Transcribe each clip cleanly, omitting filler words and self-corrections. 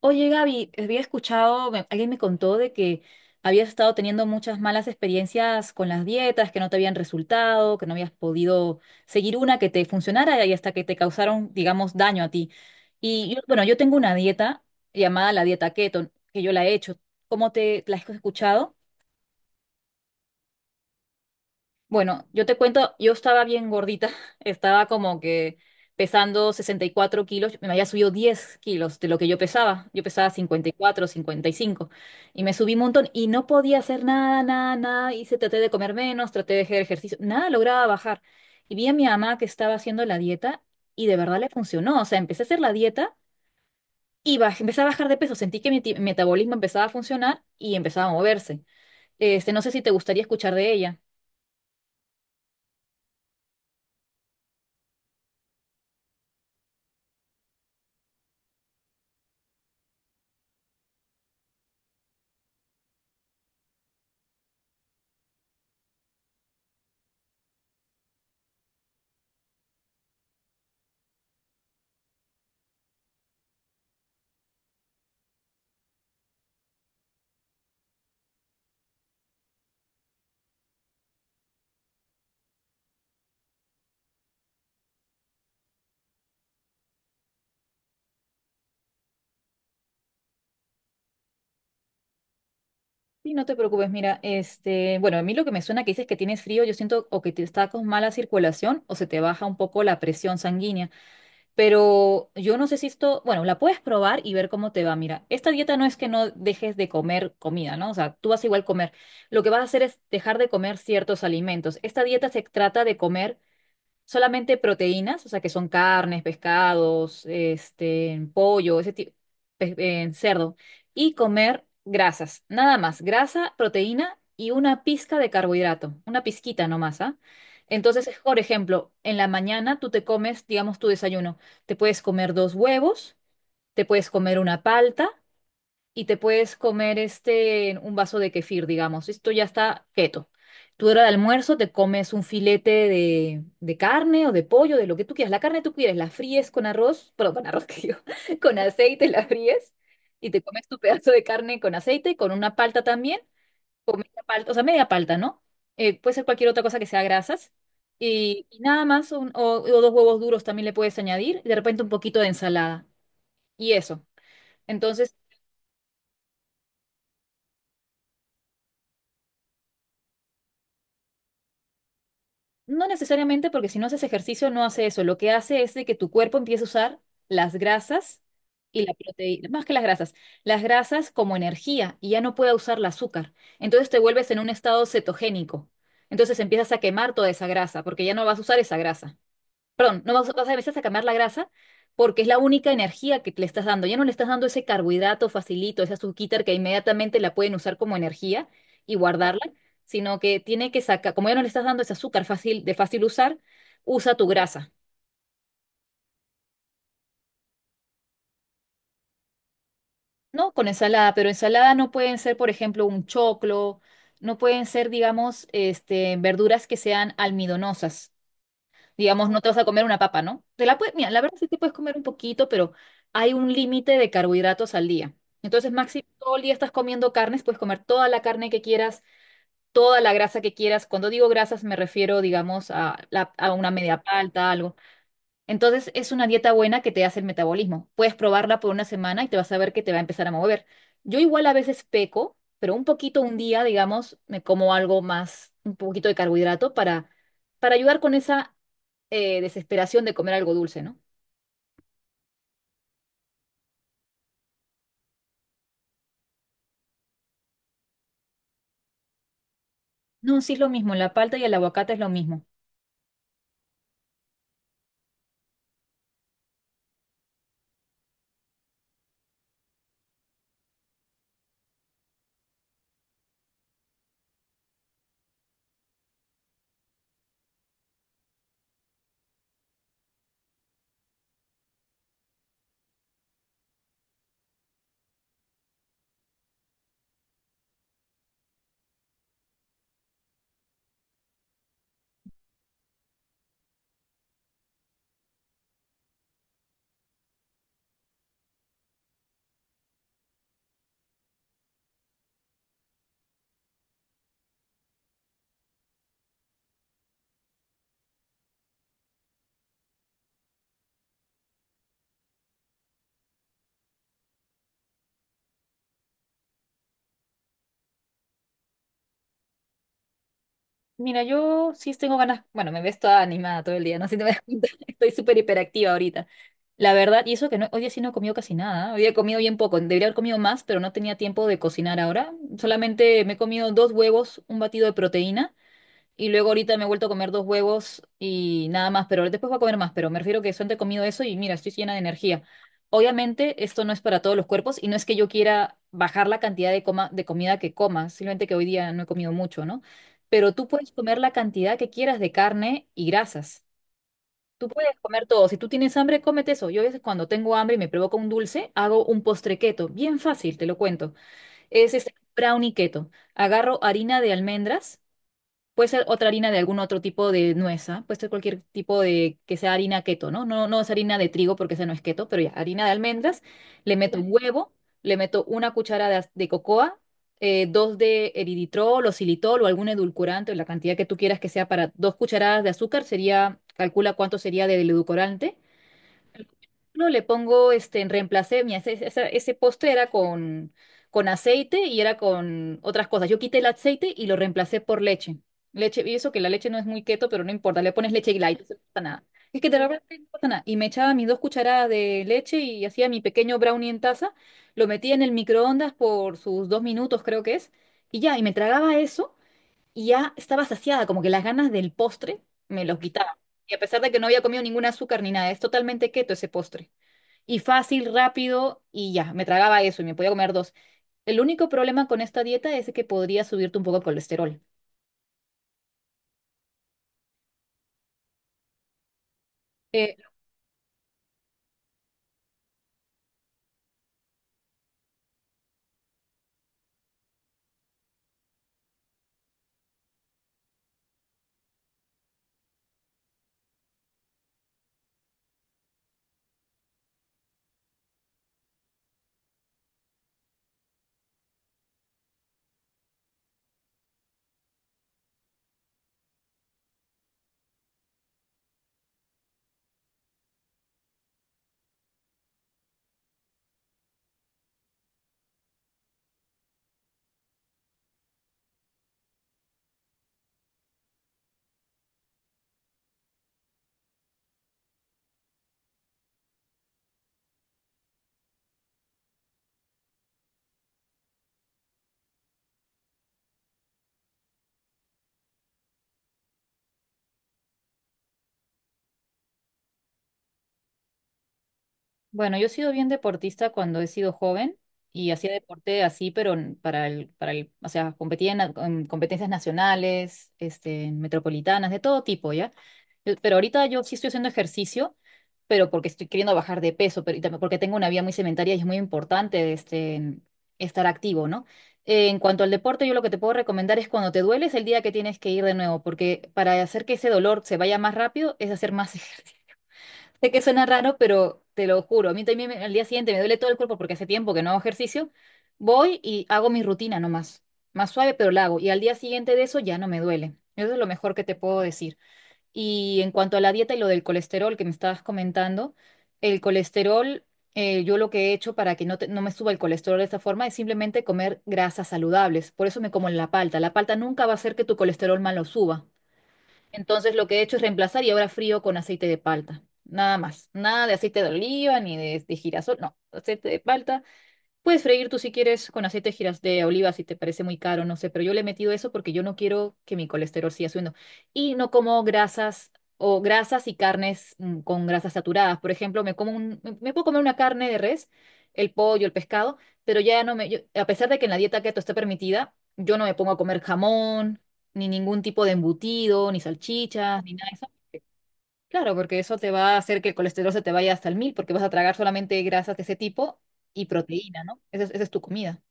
Oye, Gaby, había escuchado, alguien me contó de que habías estado teniendo muchas malas experiencias con las dietas, que no te habían resultado, que no habías podido seguir una que te funcionara y hasta que te causaron, digamos, daño a ti. Y yo, bueno, yo tengo una dieta llamada la dieta keto, que yo la he hecho. ¿Cómo te la has escuchado? Bueno, yo te cuento, yo estaba bien gordita, estaba como que pesando 64 kilos, me había subido 10 kilos de lo que yo pesaba 54, 55, y cinco, y me subí un montón y no podía hacer nada, nada, nada, traté de comer menos, traté de hacer ejercicio, nada lograba bajar. Y vi a mi mamá que estaba haciendo la dieta y de verdad le funcionó, o sea, empecé a hacer la dieta y empecé a bajar de peso, sentí que mi metabolismo empezaba a funcionar y empezaba a moverse. Este, no sé si te gustaría escuchar de ella. Sí, no te preocupes, mira, este, bueno, a mí lo que me suena que dices que tienes frío, yo siento o que te está con mala circulación o se te baja un poco la presión sanguínea, pero yo no sé si esto, bueno, la puedes probar y ver cómo te va. Mira, esta dieta no es que no dejes de comer comida, ¿no? O sea, tú vas a igual comer. Lo que vas a hacer es dejar de comer ciertos alimentos. Esta dieta se trata de comer solamente proteínas, o sea, que son carnes, pescados, este, pollo, ese tipo, cerdo, y comer grasas, nada más, grasa, proteína y una pizca de carbohidrato, una pizquita nomás, ¿ah? Entonces, por ejemplo, en la mañana tú te comes, digamos, tu desayuno, te puedes comer dos huevos, te puedes comer una palta, y te puedes comer este, un vaso de kefir, digamos. Esto ya está keto. Tu hora de almuerzo te comes un filete de carne o de pollo, de lo que tú quieras. La carne tú quieres, la fríes con arroz, pero con arroz que digo, con aceite la fríes y te comes tu pedazo de carne con aceite, con una palta también, con media palta, o sea, media palta, ¿no? Puede ser cualquier otra cosa que sea grasas. Y nada más, o dos huevos duros también le puedes añadir, y de repente un poquito de ensalada. Y eso. Entonces, no necesariamente porque si no haces ejercicio no hace eso. Lo que hace es de que tu cuerpo empiece a usar las grasas y la proteína, más que las grasas como energía y ya no puede usar el azúcar. Entonces te vuelves en un estado cetogénico. Entonces empiezas a quemar toda esa grasa porque ya no vas a usar esa grasa, perdón, no vas, vas a veces a quemar la grasa porque es la única energía que le estás dando. Ya no le estás dando ese carbohidrato facilito, esa azuquita que inmediatamente la pueden usar como energía y guardarla, sino que tiene que sacar, como ya no le estás dando ese azúcar fácil, de fácil usar, usa tu grasa, ¿no? Con ensalada, pero ensalada no pueden ser, por ejemplo, un choclo, no pueden ser, digamos, este, verduras que sean almidonosas. Digamos, no te vas a comer una papa, ¿no? Te la puedes, mira, la verdad sí te puedes comer un poquito, pero hay un límite de carbohidratos al día. Entonces, máximo todo el día estás comiendo carnes, puedes comer toda la carne que quieras, toda la grasa que quieras. Cuando digo grasas me refiero, digamos, a una media palta, algo. Entonces es una dieta buena que te hace el metabolismo. Puedes probarla por una semana y te vas a ver que te va a empezar a mover. Yo igual a veces peco, pero un poquito un día, digamos, me como algo más, un poquito de carbohidrato para ayudar con esa desesperación de comer algo dulce, ¿no? No, sí es lo mismo, la palta y el aguacate es lo mismo. Mira, yo sí tengo ganas, bueno, me ves toda animada todo el día, no sé si te das cuenta, estoy súper hiperactiva ahorita. La verdad, y eso que no, hoy día sí no he comido casi nada, hoy día he comido bien poco, debería haber comido más, pero no tenía tiempo de cocinar ahora. Solamente me he comido dos huevos, un batido de proteína. Y luego ahorita me he vuelto a comer dos huevos y nada más, pero después voy a comer más, pero me refiero que solamente he comido eso y mira, estoy llena de energía. Obviamente esto no es para todos los cuerpos y no es que yo quiera bajar la cantidad de, coma, de comida que coma, simplemente que hoy día no he comido mucho, ¿no? Pero tú puedes comer la cantidad que quieras de carne y grasas. Tú puedes comer todo. Si tú tienes hambre, cómete eso. Yo a veces cuando tengo hambre y me provoca un dulce, hago un postre keto. Bien fácil, te lo cuento. Es este brownie keto. Agarro harina de almendras. Puede ser otra harina de algún otro tipo de nuez, ¿ah? Puede ser cualquier tipo de que sea harina keto, ¿no? No, no es harina de trigo porque esa no es keto, pero ya, harina de almendras. Le meto un huevo, le meto una cuchara de cocoa, dos de eritritol o xilitol o algún edulcorante, o la cantidad que tú quieras que sea para 2 cucharadas de azúcar, sería, calcula cuánto sería del edulcorante. No, le pongo, este, en reemplacé, mira, ese postre era con aceite y era con otras cosas. Yo quité el aceite y lo reemplacé por leche. Leche, y eso que la leche no es muy keto, pero no importa, le pones leche y light, eso no pasa nada. Es que te de verdad no pasa nada. Y me echaba mis 2 cucharadas de leche y hacía mi pequeño brownie en taza, lo metía en el microondas por sus 2 minutos, creo que es, y ya, y me tragaba eso y ya estaba saciada, como que las ganas del postre me los quitaba. Y a pesar de que no había comido ningún azúcar ni nada, es totalmente keto ese postre y fácil, rápido y ya, me tragaba eso y me podía comer dos. El único problema con esta dieta es que podría subirte un poco el colesterol. Eh, Bueno, yo he sido bien deportista cuando he sido joven y hacía deporte así, pero para el, o sea, competía en competencias nacionales, este, metropolitanas, de todo tipo, ¿ya? Pero ahorita yo sí estoy haciendo ejercicio, pero porque estoy queriendo bajar de peso, pero y también porque tengo una vida muy sedentaria y es muy importante, este, estar activo, ¿no? En cuanto al deporte, yo lo que te puedo recomendar es cuando te duele es el día que tienes que ir de nuevo, porque para hacer que ese dolor se vaya más rápido es hacer más ejercicio. Sé que suena raro, pero te lo juro, a mí también al día siguiente me duele todo el cuerpo porque hace tiempo que no hago ejercicio. Voy y hago mi rutina nomás, más suave, pero la hago. Y al día siguiente de eso ya no me duele. Eso es lo mejor que te puedo decir. Y en cuanto a la dieta y lo del colesterol que me estabas comentando, el colesterol, yo lo que he hecho para que no me suba el colesterol de esta forma es simplemente comer grasas saludables. Por eso me como la palta. La palta nunca va a hacer que tu colesterol malo suba. Entonces lo que he hecho es reemplazar y ahora frío con aceite de palta. Nada más. Nada de aceite de oliva ni de girasol. No, aceite de palta. Puedes freír tú si quieres con aceite de giras de oliva si te parece muy caro, no sé, pero yo le he metido eso porque yo no quiero que mi colesterol siga subiendo. Y no como grasas o grasas y carnes con grasas saturadas. Por ejemplo, me como un, me me puedo comer una carne de res, el pollo, el pescado, pero ya no me, a pesar de que en la dieta keto está permitida, yo no me pongo a comer jamón, ni ningún tipo de embutido, ni salchichas, ni nada de eso. Claro, porque eso te va a hacer que el colesterol se te vaya hasta el mil, porque vas a tragar solamente grasas de ese tipo y proteína, ¿no? Esa es tu comida.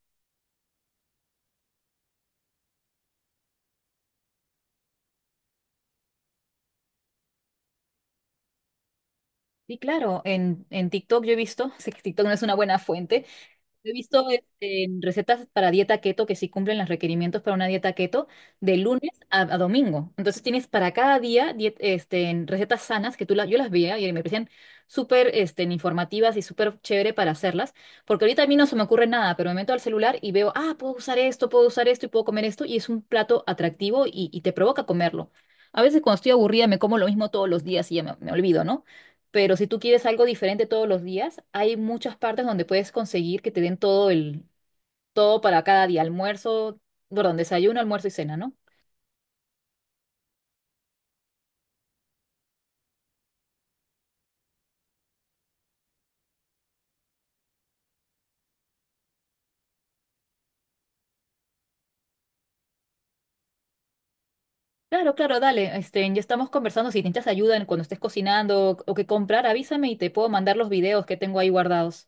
Y claro, en TikTok yo he visto, sé que TikTok no es una buena fuente. He visto este, en recetas para dieta keto que sí cumplen los requerimientos para una dieta keto de lunes a domingo. Entonces tienes para cada día en recetas sanas que yo las veía y me parecían súper informativas y súper chévere para hacerlas. Porque ahorita a mí no se me ocurre nada, pero me meto al celular y veo, ah, puedo usar esto y puedo comer esto. Y es un plato atractivo y te provoca comerlo. A veces cuando estoy aburrida me como lo mismo todos los días y ya me olvido, ¿no? Pero si tú quieres algo diferente todos los días, hay muchas partes donde puedes conseguir que te den todo para cada día, almuerzo, perdón, desayuno, almuerzo y cena, ¿no? Claro, claro, dale, ya estamos conversando, si necesitas ayuda cuando estés cocinando o que comprar, avísame y te puedo mandar los videos que tengo ahí guardados.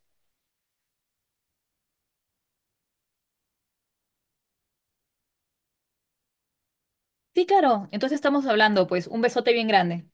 Sí, claro, entonces estamos hablando, pues un besote bien grande.